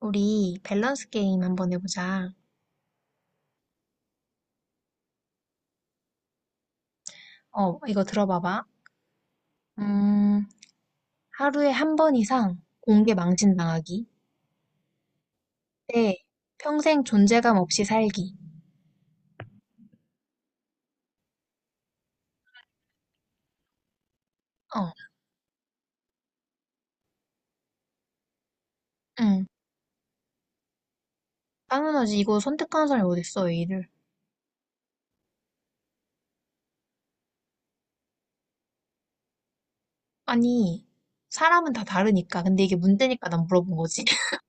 우리 밸런스 게임 한번 해보자. 어, 이거 들어봐봐. 음, 하루에 한 번 이상 공개 망신당하기. 대 평생 존재감 없이 살기. 어, 응. 당연하지. 이거 선택하는 사람이 어딨어, 이 일을. 아니, 사람은 다 다르니까. 근데 이게 문제니까 난 물어본 거지.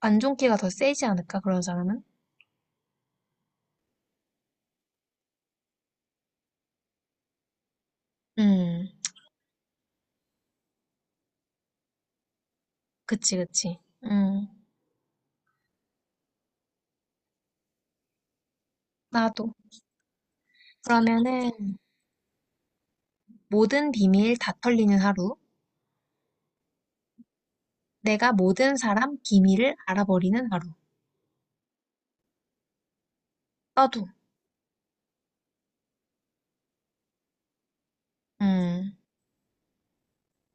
안 좋은 기가 더 세지 않을까, 그런 사람은? 음, 그치, 그치. 음, 나도. 그러면은, 모든 비밀 다 털리는 하루. 내가 모든 사람 비밀을 알아버리는 하루. 나도. 음,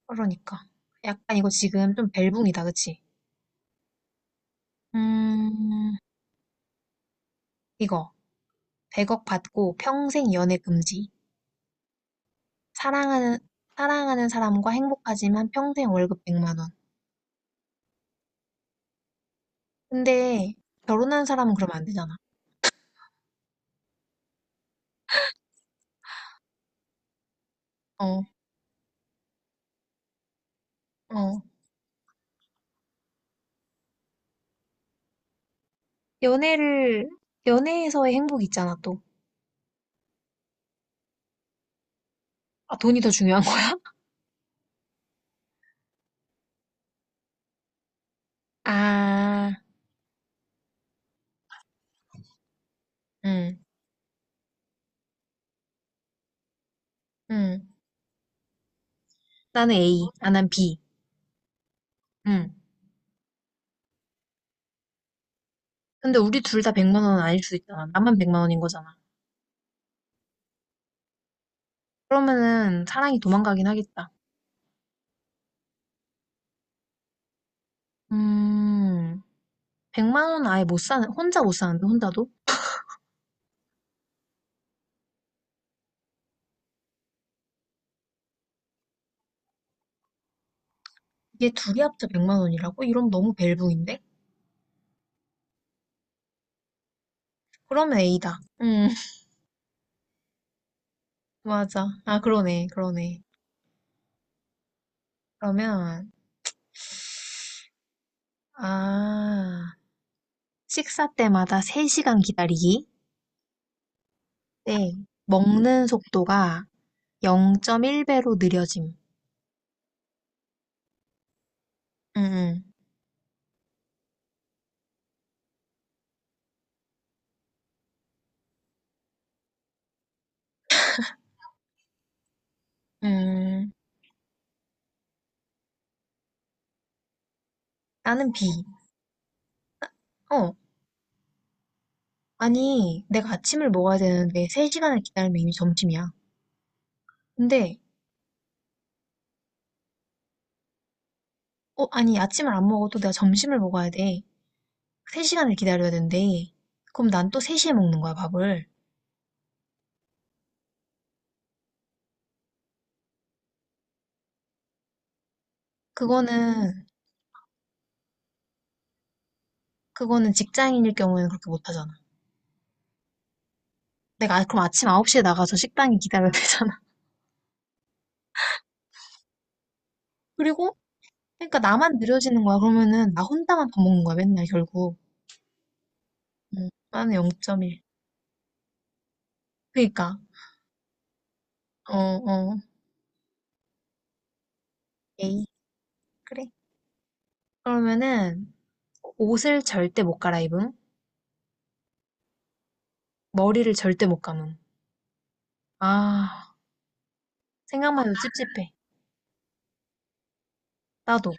그러니까. 약간 이거 지금 좀 벨붕이다, 그치? 음, 이거. 100억 받고 평생 연애 금지. 사랑하는, 사랑하는 사람과 행복하지만 평생 월급 100만 원. 근데 결혼한 사람은 그러면 안 되잖아. 어, 어. 연애를, 연애에서의 행복이 있잖아, 또. 아, 돈이 더 중요한 거야. 아, 응, 응. 나는 A, 나는 B. 응. 근데 우리 둘 다 100만 원은 아닐 수 있잖아. 나만 100만 원인 거잖아. 그러면은 사랑이 도망가긴 하겠다. 음, 100만 원 아예 못 사는, 혼자 못 사는데, 혼자도? 이게 둘이 합쳐 100만 원이라고? 이러면 너무 벨붕인데? 그러면 A다. 맞아. 아, 그러네, 그러네. 그러면, 아, 식사 때마다 3시간 기다리기? 네. 먹는 속도가 0.1배로 느려짐. 음, 음, 음. 나는 B. 어, 아니, 내가 아침을 먹어야 되는데 3시간을 기다리면 이미 점심이야. 근데 아니, 아침을 안 먹어도 내가 점심을 먹어야 돼. 3시간을 기다려야 된대. 그럼 난 또 3시에 먹는 거야, 밥을. 그거는, 그거는 직장인일 경우에는 그렇게 못 하잖아. 내가 그럼 아침 9시에 나가서 식당에 기다려야 되잖아. 그리고, 그러니까 나만 느려지는 거야. 그러면은 나 혼자만 밥 먹는 거야, 맨날 결국. 응, 나는 0.1. 그니까, 어, 어, 에이, 그래. 그러면은 옷을 절대 못 갈아입음. 머리를 절대 못 감음. 아, 생각만 해도 찝찝해. 나도.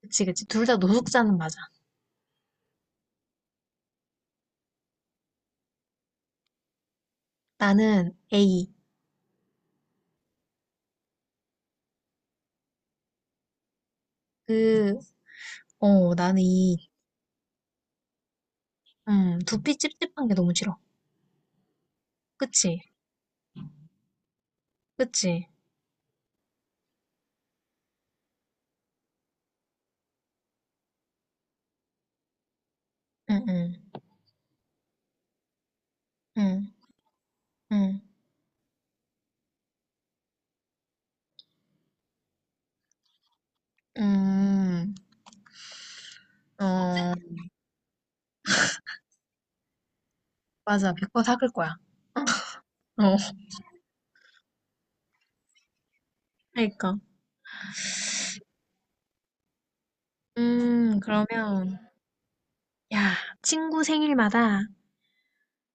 그치, 그치. 둘 다 노숙자는 맞아. 나는 A. 그, 어, 나는 이, 두피 찝찝한 게 너무 싫어. 그치? 그치? 응, 응, 응, 응, 음, 어, 맞아. 100번 삭을 거야. 어, 그러니까. 그러면, 야, 친구 생일마다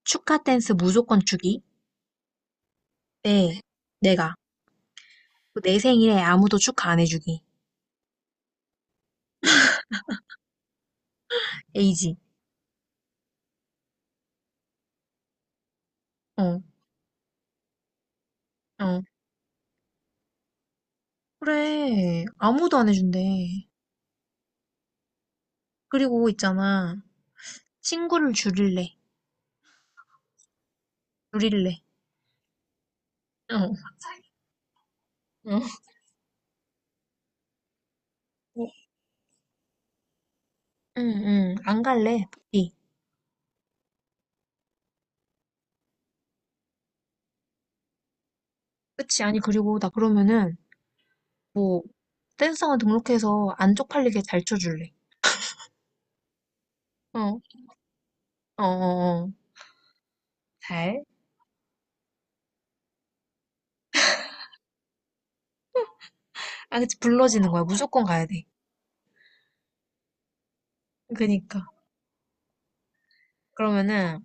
축하 댄스 무조건 주기. 네, 내가. 내 생일에 아무도 축하 안 해주기. A지. 어, 어. 그래, 아무도 안 해준대. 그리고 있잖아. 친구를 줄일래. 줄일래 어. 어. 응, 응. 안 갈래. 복 그치. 아니, 그리고 나 그러면은, 뭐, 댄스학원 등록해서 안 쪽팔리게 잘 쳐줄래. 어. 어, 어, 어. 잘. 아, 그치. 불러지는 거야. 무조건 가야 돼. 그니까. 그러면은,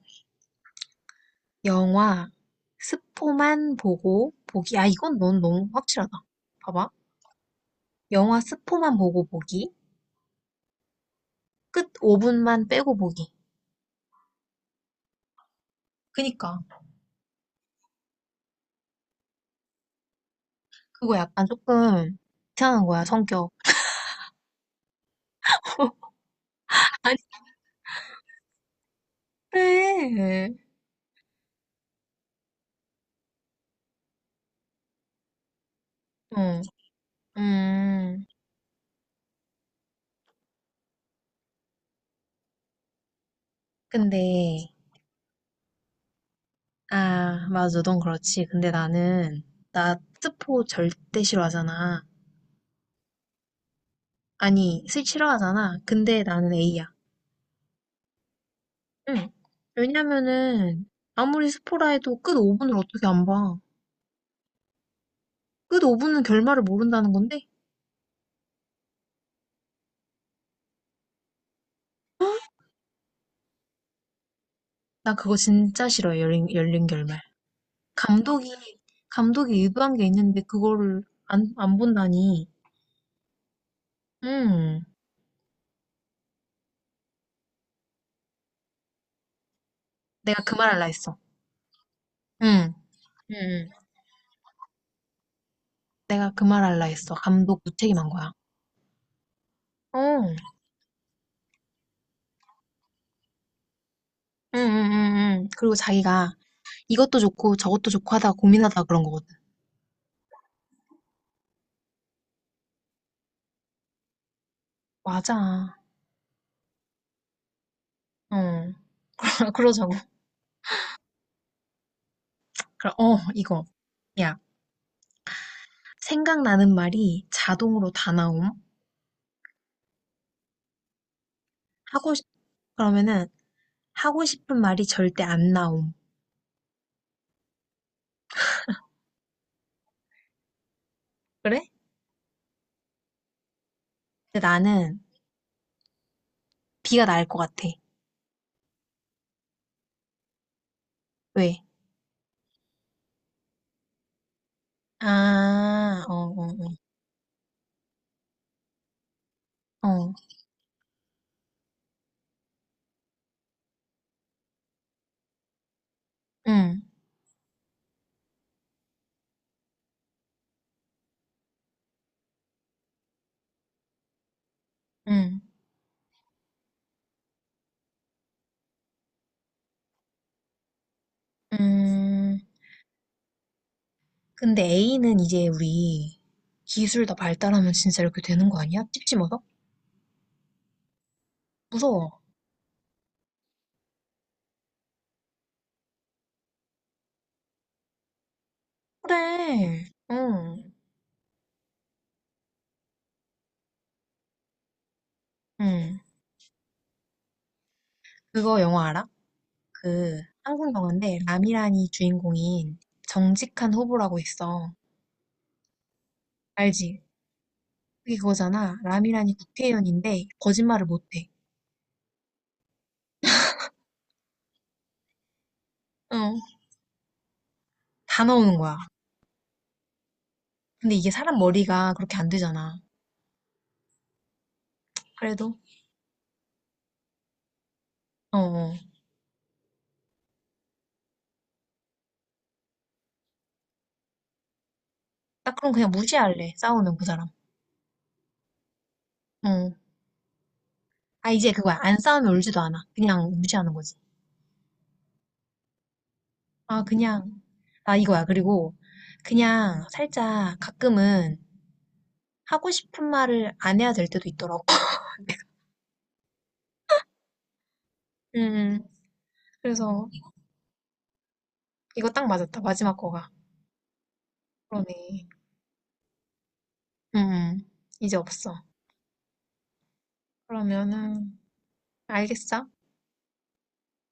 영화, 스포만 보고 보기. 아, 이건 넌 너무 확실하다. 봐봐. 영화 스포만 보고 보기. 끝 5분만 빼고 보기. 그니까. 그거 약간 조금 이상한 거야, 성격. 아니, 그래. 어, 음. 근데, 아, 맞아. 넌 그렇지. 근데 나 스포 절대 싫어하잖아. 아니, 스 싫어하잖아. 근데 나는 A야. 응. 왜냐면은, 아무리 스포라 해도 끝 5분을 어떻게 안 봐. 끝 5분은 결말을 모른다는 건데? 나 그거 진짜 싫어해. 열린 결말. 감독이, 감독이 의도한 게 있는데, 그거를 안 본다니. 음. 내가 그 말 할라 했어. 응. 응, 내가 그 말 할라 했어. 감독 무책임한 거야. 응. 어, 응, 응, 응, 응. 그리고 자기가 이것도 좋고 저것도 좋고 하다가 고민하다가 그런 거거든. 맞아. 어, 그러자고. 그럼, 이거. 야, 생각나는 말이 자동으로 다 나옴. 하고 싶, 그러면은 하고 싶은 말이 절대 안 나옴. 그래? 근데 나는 B가 나을 것 같아. 왜? 아, 어, 어, 어. 어, 응, 응, 음. 근데 A는 이제 우리 기술 다 발달하면 진짜 이렇게 되는 거 아니야? 찝찝어서 무서워. 그래. 응, 응. 그거 영화 알아? 그 한국 영화인데 라미란이 주인공인 정직한 후보라고 있어. 알지? 그게 그거잖아. 라미란이 국회의원인데 거짓말을 못해. 응. 다 나오는 거야. 근데 이게 사람 머리가 그렇게 안 되잖아. 그래도 어, 어. 나 그럼 그냥 무시할래. 싸우면 그 사람. 응. 아, 이제 그거야. 안 싸우면 울지도 않아. 그냥 무시하는 거지. 아, 그냥, 아, 이거야. 그리고 그냥 살짝 가끔은 하고 싶은 말을 안 해야 될 때도 있더라고. 음, 그래서 이거 딱 맞았다. 마지막 거가. 그러네. 음, 이제 없어. 그러면은, 알겠어?